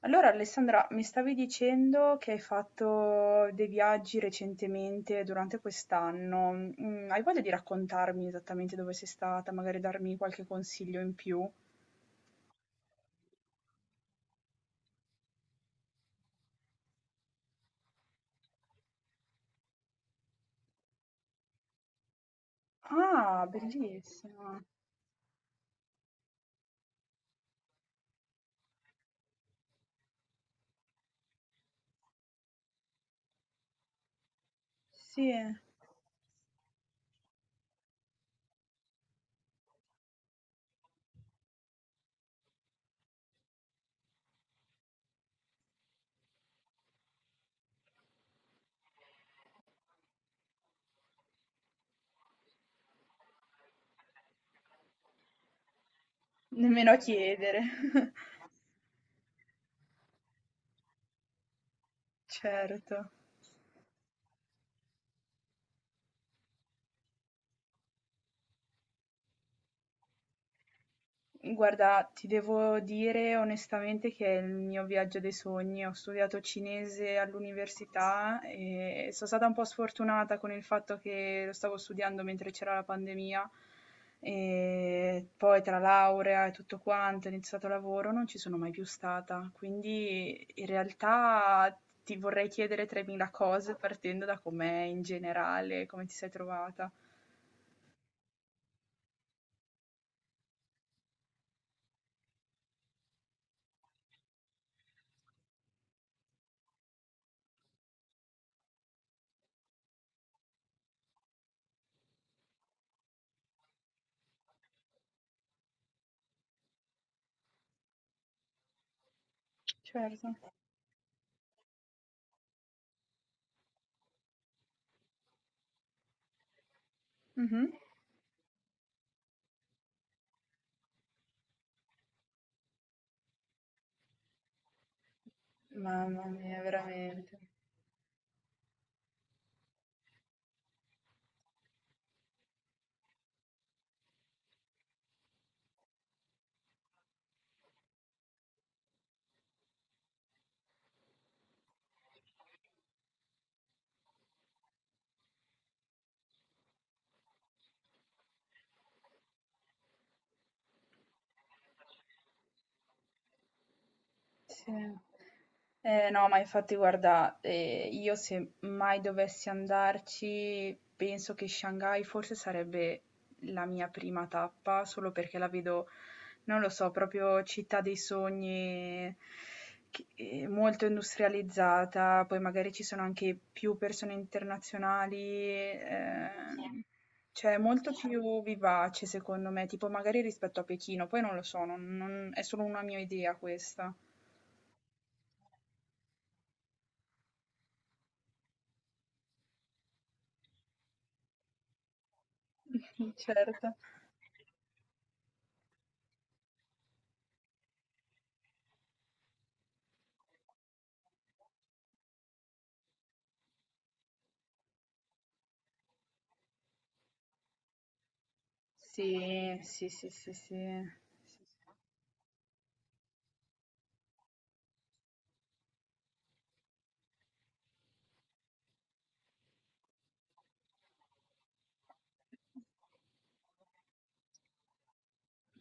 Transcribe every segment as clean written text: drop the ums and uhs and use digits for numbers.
Allora Alessandra, mi stavi dicendo che hai fatto dei viaggi recentemente durante quest'anno. Hai voglia di raccontarmi esattamente dove sei stata, magari darmi qualche consiglio in più? Ah, bellissima. Sì, nemmeno a chiedere. Certo. Guarda, ti devo dire onestamente che è il mio viaggio dei sogni. Ho studiato cinese all'università e sono stata un po' sfortunata con il fatto che lo stavo studiando mentre c'era la pandemia e poi tra laurea e tutto quanto, ho iniziato lavoro, non ci sono mai più stata. Quindi in realtà ti vorrei chiedere 3.000 cose partendo da com'è in generale, come ti sei trovata. Certo. Mhm. Mamma mia, veramente. Sì. No, ma infatti guarda, io se mai dovessi andarci, penso che Shanghai forse sarebbe la mia prima tappa, solo perché la vedo, non lo so, proprio città dei sogni, molto industrializzata, poi magari ci sono anche più persone internazionali, sì, cioè è molto più vivace secondo me, tipo magari rispetto a Pechino, poi non lo so, è solo una mia idea questa. Mh-mh, certo. Sì, sì, sì, sì, sì. Sì, sì.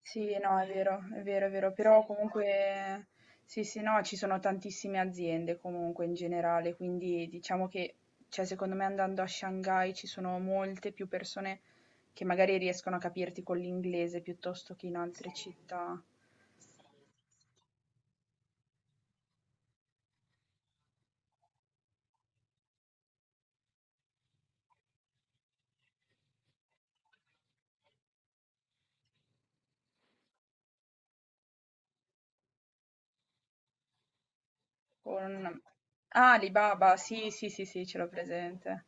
Sì, no, è vero, è vero, è vero, però comunque sì, sì, no, ci sono tantissime aziende comunque in generale, quindi diciamo che, cioè secondo me andando a Shanghai ci sono molte più persone che magari riescono a capirti con l'inglese piuttosto che in altre città. Con ah, Alibaba, sì, sì, sì, sì, ce l'ho presente.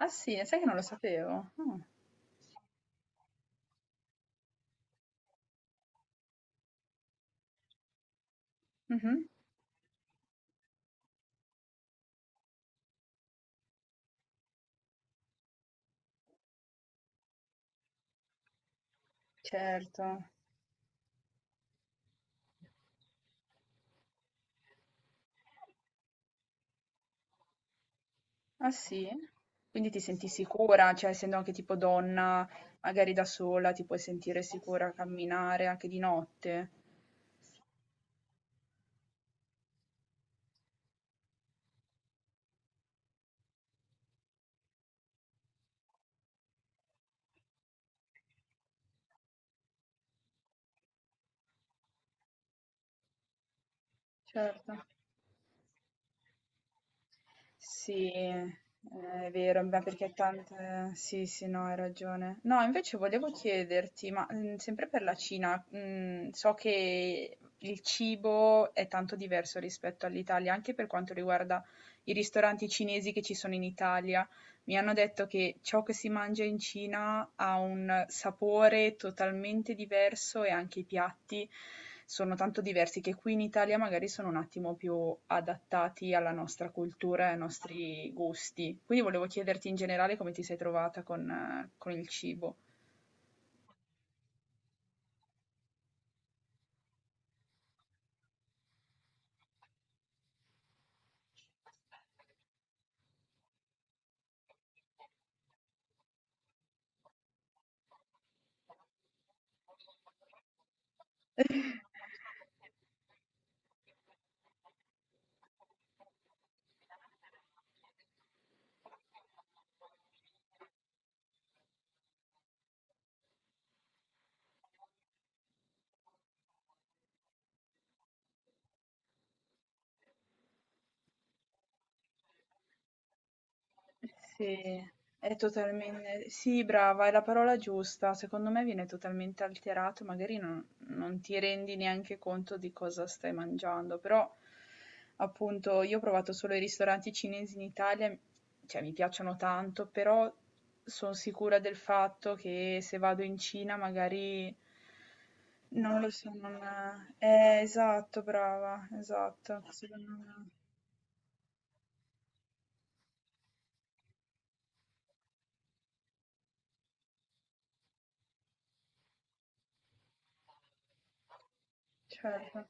Ah sì? Sai che non lo sapevo? Ah. Mh-mh. Certo. Ah sì? Quindi ti senti sicura, cioè essendo anche tipo donna, magari da sola ti puoi sentire sicura a camminare anche di notte. Certo. Sì, è vero, ma perché tante... Sì, sì, no, hai ragione. No, invece volevo chiederti, ma sempre per la Cina, so che il cibo è tanto diverso rispetto all'Italia, anche per quanto riguarda i ristoranti cinesi che ci sono in Italia. Mi hanno detto che ciò che si mangia in Cina ha un sapore totalmente diverso e anche i piatti sono tanto diversi che qui in Italia magari sono un attimo più adattati alla nostra cultura e ai nostri gusti. Quindi volevo chiederti in generale come ti sei trovata con il cibo. Sì, è totalmente sì, brava, è la parola giusta. Secondo me viene totalmente alterato, magari non ti rendi neanche conto di cosa stai mangiando, però appunto io ho provato solo i ristoranti cinesi in Italia, cioè mi piacciono tanto, però sono sicura del fatto che se vado in Cina magari non lo so, non... esatto, brava, esatto, secondo me, certo.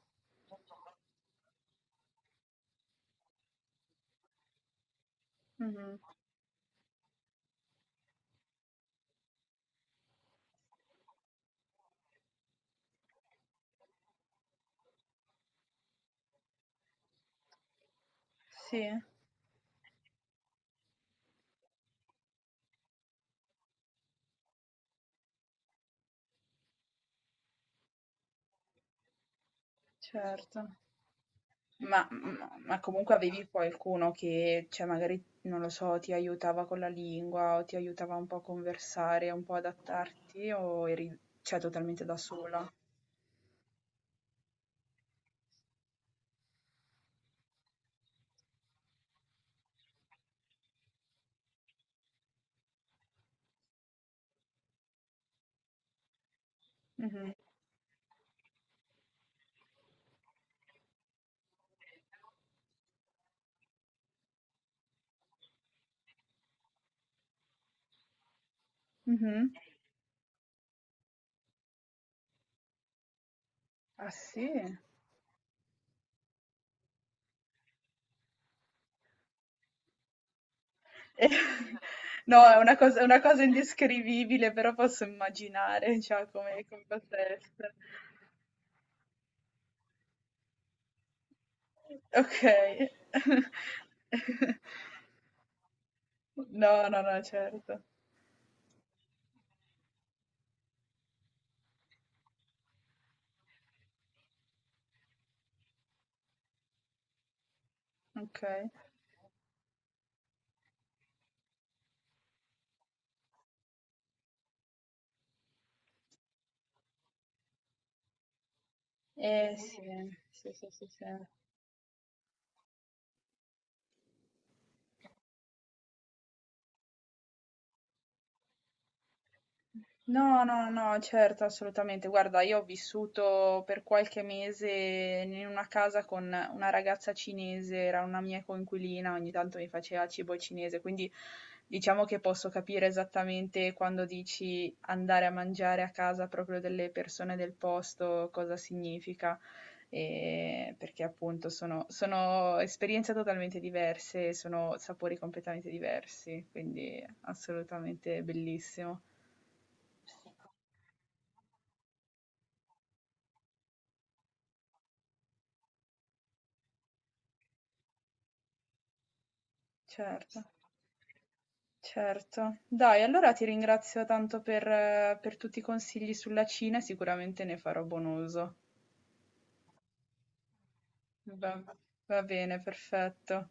Mhm. Sì, certo. Ma comunque avevi qualcuno che, cioè magari, non lo so, ti aiutava con la lingua o ti aiutava un po' a conversare, un po' adattarti o eri, cioè, totalmente da sola? Mh-mh. Mh-mh. Ah sì? Eh, no, è una cosa indescrivibile, però posso immaginare, cioè, come come possa essere. Okay. No, no, no, certo. Okay. Eh sì, sì, sì, sì, sì. No, no, no, certo, assolutamente. Guarda, io ho vissuto per qualche mese in una casa con una ragazza cinese, era una mia coinquilina, ogni tanto mi faceva cibo cinese, quindi diciamo che posso capire esattamente quando dici andare a mangiare a casa proprio delle persone del posto, cosa significa, e perché appunto sono, sono esperienze totalmente diverse, sono sapori completamente diversi, quindi assolutamente bellissimo. Certo, certo. Dai, allora ti ringrazio tanto per tutti i consigli sulla Cina e sicuramente ne farò buon uso. Va, va bene, perfetto.